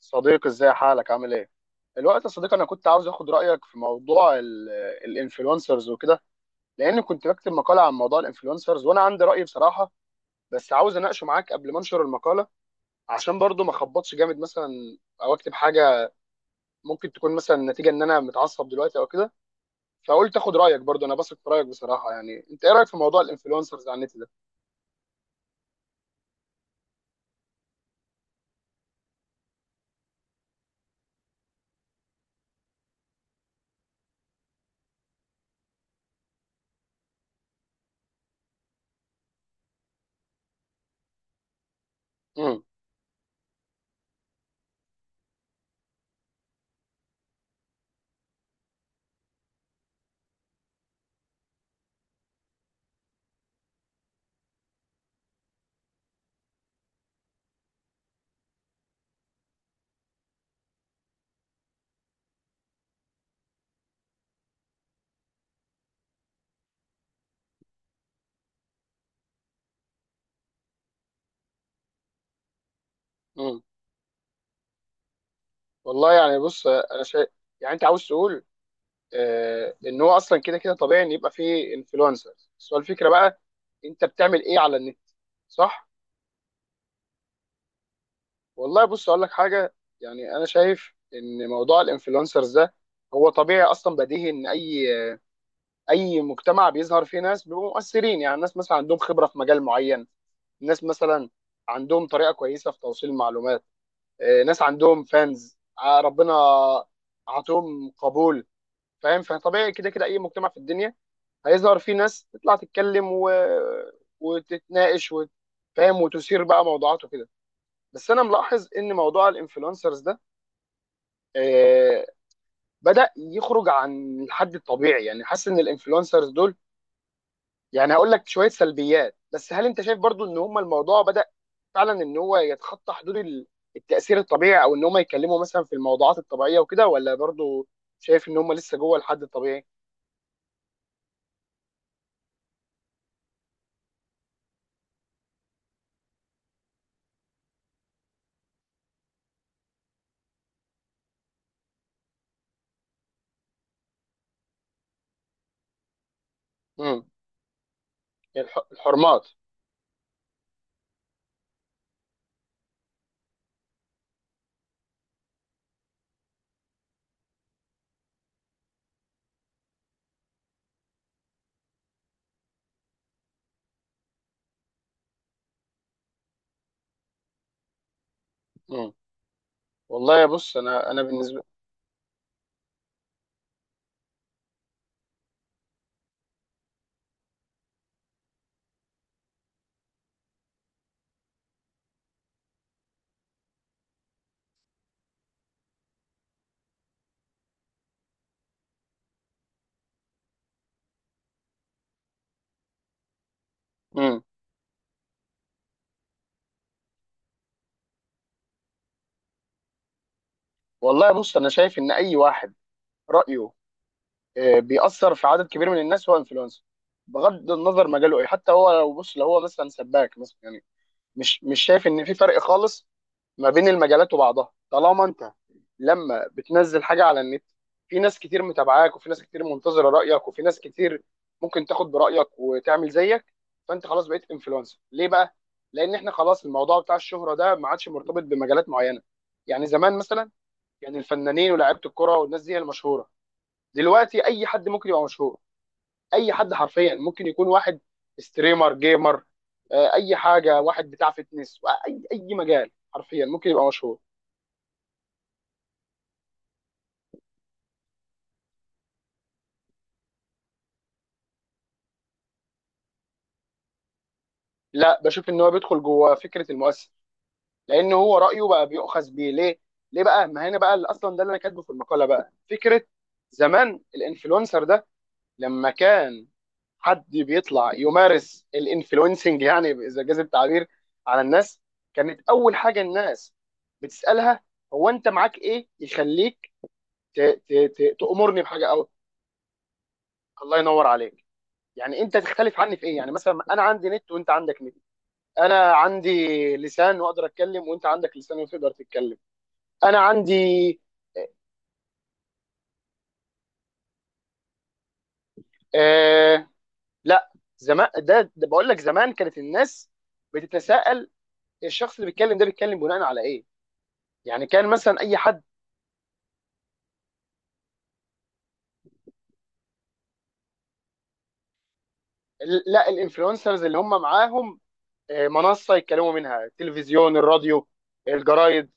صديقي، ازاي حالك، عامل ايه؟ الوقت يا صديقي، انا كنت عاوز اخد رايك في موضوع الانفلونسرز وكده، لان كنت بكتب مقاله عن موضوع الانفلونسرز، وانا عندي راي بصراحه، بس عاوز اناقشه معاك قبل ما انشر المقاله، عشان برضو ما اخبطش جامد مثلا، او اكتب حاجه ممكن تكون مثلا نتيجه ان انا متعصب دلوقتي او كده. فقلت اخد رايك برضو، انا بثق في رايك بصراحه. يعني انت ايه رايك في موضوع الانفلونسرز على النت ده؟ امم، امم. والله يعني، بص انا شايف، يعني انت عاوز تقول، ان هو اصلا كده كده طبيعي ان يبقى فيه انفلونسرز. بس هو الفكره بقى انت بتعمل ايه على النت، صح؟ والله، بص اقول لك حاجه. يعني انا شايف ان موضوع الانفلونسرز ده هو طبيعي اصلا، بديهي ان اي اي مجتمع بيظهر فيه ناس بيبقوا مؤثرين. يعني الناس مثلا عندهم خبره في مجال معين، ناس مثلا عندهم طريقه كويسه في توصيل المعلومات، ناس عندهم فانز، ربنا عطوهم قبول، فاهم؟ فطبيعي كده كده اي مجتمع في الدنيا هيظهر فيه ناس تطلع تتكلم وتتناقش فاهم، وتثير بقى موضوعات وكده. بس انا ملاحظ ان موضوع الانفلونسرز ده آه بدأ يخرج عن الحد الطبيعي. يعني حاسس ان الانفلونسرز دول، يعني هقول لك شوية سلبيات، بس هل انت شايف برضو ان هم الموضوع بدأ فعلا ان هو يتخطى حدود التأثير الطبيعي، او ان هم يتكلموا مثلا في الموضوعات الطبيعية وكده، ولا برضو شايف ان هم لسه جوه الحد الطبيعي؟ امم. الحرمات. امم. والله بص، انا بالنسبة. مم. والله، بص انا شايف ان اي واحد رايه بيأثر في عدد كبير من الناس هو انفلونسر، بغض النظر مجاله ايه. حتى هو لو بص لو هو مثلا سباك مثلا، يعني مش شايف ان في فرق خالص ما بين المجالات وبعضها. طالما انت لما بتنزل حاجه على النت، في ناس كتير متابعاك، وفي ناس كتير منتظره رايك، وفي ناس كتير ممكن تاخد برايك وتعمل زيك، فانت خلاص بقيت انفلونسر. ليه بقى؟ لان احنا خلاص الموضوع بتاع الشهره ده ما عادش مرتبط بمجالات معينه. يعني زمان مثلا، يعني الفنانين ولاعيبه الكرة والناس دي هي المشهورة، دلوقتي أي حد ممكن يبقى مشهور. أي حد حرفيا ممكن يكون واحد ستريمر، جيمر، أي حاجة، واحد بتاع فتنس، أي أي مجال حرفيا ممكن يبقى مشهور. لا، بشوف إن هو بيدخل جوه فكرة المؤثر، لأن هو رأيه بقى بيؤخذ بيه. ليه؟ ليه بقى؟ ما هنا بقى اللي أصلا ده اللي أنا كاتبه في المقالة بقى فكرة. زمان الانفلونسر ده لما كان حد بيطلع يمارس الانفلونسنج، يعني اذا جاز التعبير، على الناس، كانت اول حاجه الناس بتسالها: هو انت معاك ايه يخليك ت- ت- تامرني بحاجه؟ او الله ينور عليك، يعني انت تختلف عني في ايه؟ يعني مثلا انا عندي نت وانت عندك نت، انا عندي لسان واقدر اتكلم، وانت عندك لسان وتقدر تتكلم، انا عندي آه لا، زمان ده بقول لك، زمان كانت الناس بتتساءل الشخص اللي بيتكلم ده بيتكلم بناء على ايه. يعني كان مثلا اي حد، لا الانفلونسرز اللي هم معاهم منصه يتكلموا منها: التلفزيون، الراديو، الجرايد.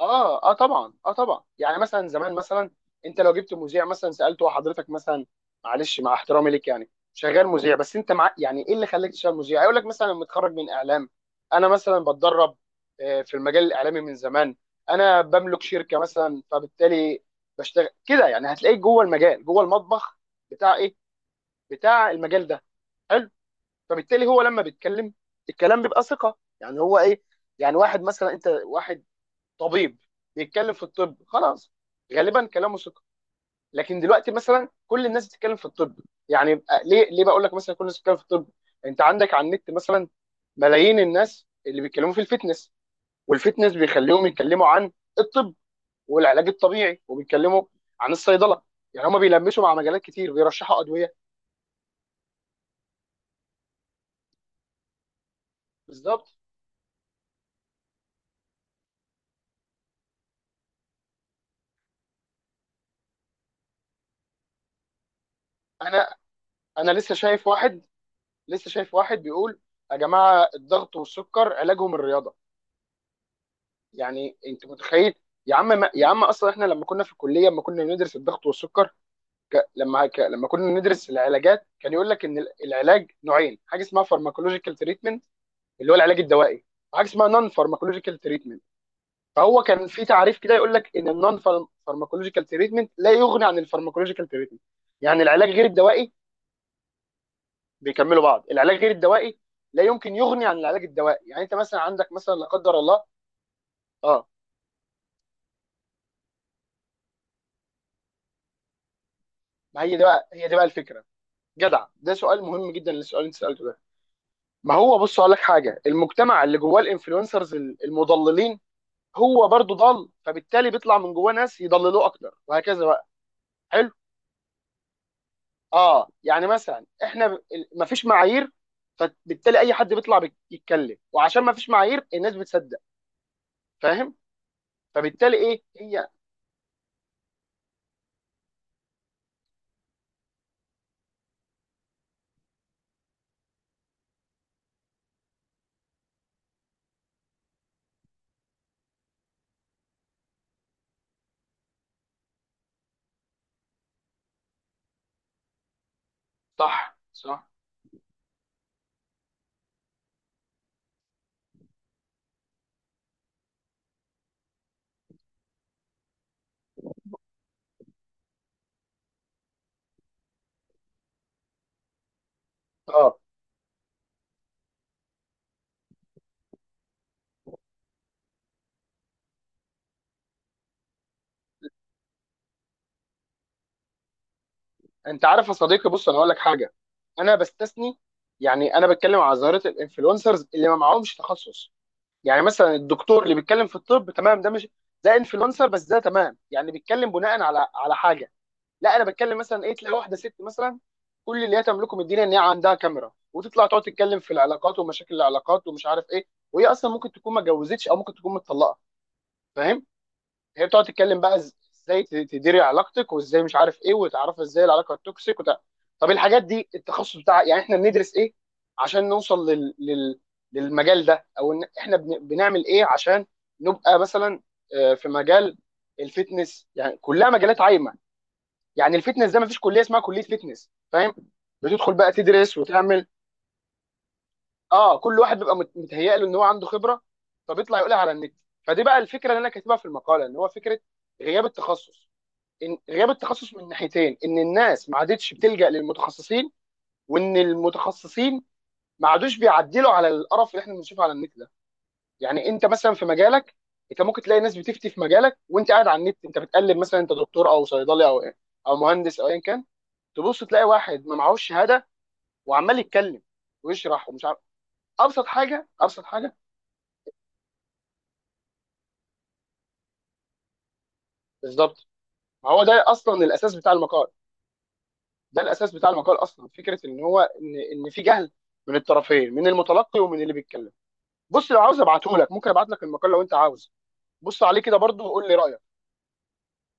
اه، اه، طبعا، اه، طبعا. يعني مثلا زمان مثلا انت لو جبت مذيع مثلا، سالته: حضرتك مثلا، معلش مع احترامي ليك، يعني شغال مذيع، بس انت مع، يعني، ايه اللي خلاك تشتغل مذيع؟ هيقول لك مثلا: متخرج من اعلام، انا مثلا بتدرب في المجال الاعلامي من زمان، انا بملك شركه مثلا، فبالتالي بشتغل كده. يعني هتلاقيك جوه المجال، جوه المطبخ بتاع ايه؟ بتاع المجال ده. حلو. فبالتالي هو لما بيتكلم الكلام بيبقى ثقه. يعني هو ايه، يعني واحد مثلا انت واحد طبيب بيتكلم في الطب، خلاص غالبا كلامه ثقه. لكن دلوقتي مثلا كل الناس بتتكلم في الطب. يعني ليه بقول لك مثلا كل الناس بتتكلم في الطب. انت عندك على النت مثلا ملايين الناس اللي بيتكلموا في الفتنس، والفتنس بيخليهم يتكلموا عن الطب والعلاج الطبيعي، وبيتكلموا عن الصيدله. يعني هما بيلمسوا مع مجالات كتير، بيرشحوا ادويه. بالظبط. انا انا لسه شايف واحد، لسه شايف واحد بيقول: يا جماعه، الضغط والسكر علاجهم الرياضه. يعني انت متخيل؟ يا عم، ما يا عم اصلا احنا لما كنا في الكليه، لما كنا بندرس الضغط والسكر، لما كنا ندرس العلاجات، كان يقول لك ان العلاج نوعين: حاجه اسمها فارماكولوجيكال تريتمنت، اللي هو العلاج الدوائي، وحاجه اسمها نون فارماكولوجيكال تريتمنت. فهو كان في تعريف كده يقول لك ان النون فارماكولوجيكال تريتمنت لا يغني عن الفارماكولوجيكال تريتمنت، يعني العلاج غير الدوائي بيكملوا بعض. العلاج غير الدوائي لا يمكن يغني عن العلاج الدوائي. يعني انت مثلا عندك مثلا، لا قدر الله، اه. ما هي دي بقى الفكره. جدع، ده سؤال مهم جدا، للسؤال اللي انت سالته ده. ما هو، بص اقول لك حاجه، المجتمع اللي جواه الانفلونسرز المضللين هو برضو ضال، فبالتالي بيطلع من جواه ناس يضللوه اكتر وهكذا بقى. حلو. اه، يعني مثلا احنا مفيش معايير، فبالتالي اي حد بيطلع يتكلم، وعشان مفيش معايير الناس بتصدق، فاهم؟ فبالتالي ايه هي؟ صح، صح. اه. انت عارف يا صديقي، بص انا هقول لك حاجه، انا بستثني، يعني انا بتكلم على ظاهره الانفلونسرز اللي ما معهمش تخصص. يعني مثلا الدكتور اللي بيتكلم في الطب تمام، ده مش ده انفلونسر بس ده تمام، يعني بيتكلم بناء على على حاجه. لا، انا بتكلم مثلا ايه، تلاقي واحده ست مثلا كل اللي هي تملكه من الدنيا ان هي عندها كاميرا، وتطلع تقعد تتكلم في العلاقات ومشاكل العلاقات ومش عارف ايه، وهي اصلا ممكن تكون ما اتجوزتش او ممكن تكون متطلقه، فاهم؟ هي بتقعد تتكلم بقى ازاي تديري علاقتك، وازاي مش عارف ايه، وتعرفي ازاي العلاقه التوكسيك، طب الحاجات دي التخصص بتاع، يعني احنا بندرس ايه عشان نوصل للمجال ده؟ او ان احنا بنعمل ايه عشان نبقى مثلا في مجال الفتنس؟ يعني كلها مجالات عايمه. يعني الفتنس ده ما فيش كليه اسمها كليه فتنس، فاهم؟ بتدخل بقى تدرس وتعمل، اه، كل واحد بيبقى متهيأ له ان هو عنده خبره، فبيطلع يقولها على النت. فدي بقى الفكره اللي انا كاتبها في المقاله، ان هو فكره غياب التخصص. إن غياب التخصص من ناحيتين: ان الناس ما عادتش بتلجأ للمتخصصين، وان المتخصصين ما عادوش بيعدلوا على القرف اللي احنا بنشوفه على النت ده. يعني انت مثلا في مجالك، انت ممكن تلاقي ناس بتفتي في مجالك، وانت قاعد على النت انت بتقلب، مثلا انت دكتور او صيدلي او ايه او مهندس او ايا كان، تبص تلاقي واحد ما معهوش شهاده وعمال يتكلم ويشرح ومش عارف. ابسط حاجه، ابسط حاجه. بالظبط. ما هو ده اصلا الاساس بتاع المقال. ده الاساس بتاع المقال اصلا، فكره ان هو ان في جهل من الطرفين، من المتلقي ومن اللي بيتكلم. بص، لو عاوز ابعته لك ممكن ابعت لك المقال لو انت عاوز، بص عليه كده برضه وقول لي رايك.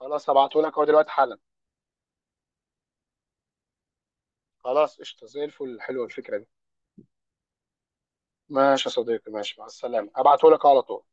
خلاص، هبعته لك اهو دلوقتي حالا. خلاص، قشطه زي الفل، حلوه الفكره دي. ماشي يا صديقي، ماشي، مع السلامه، هبعته لك على طول.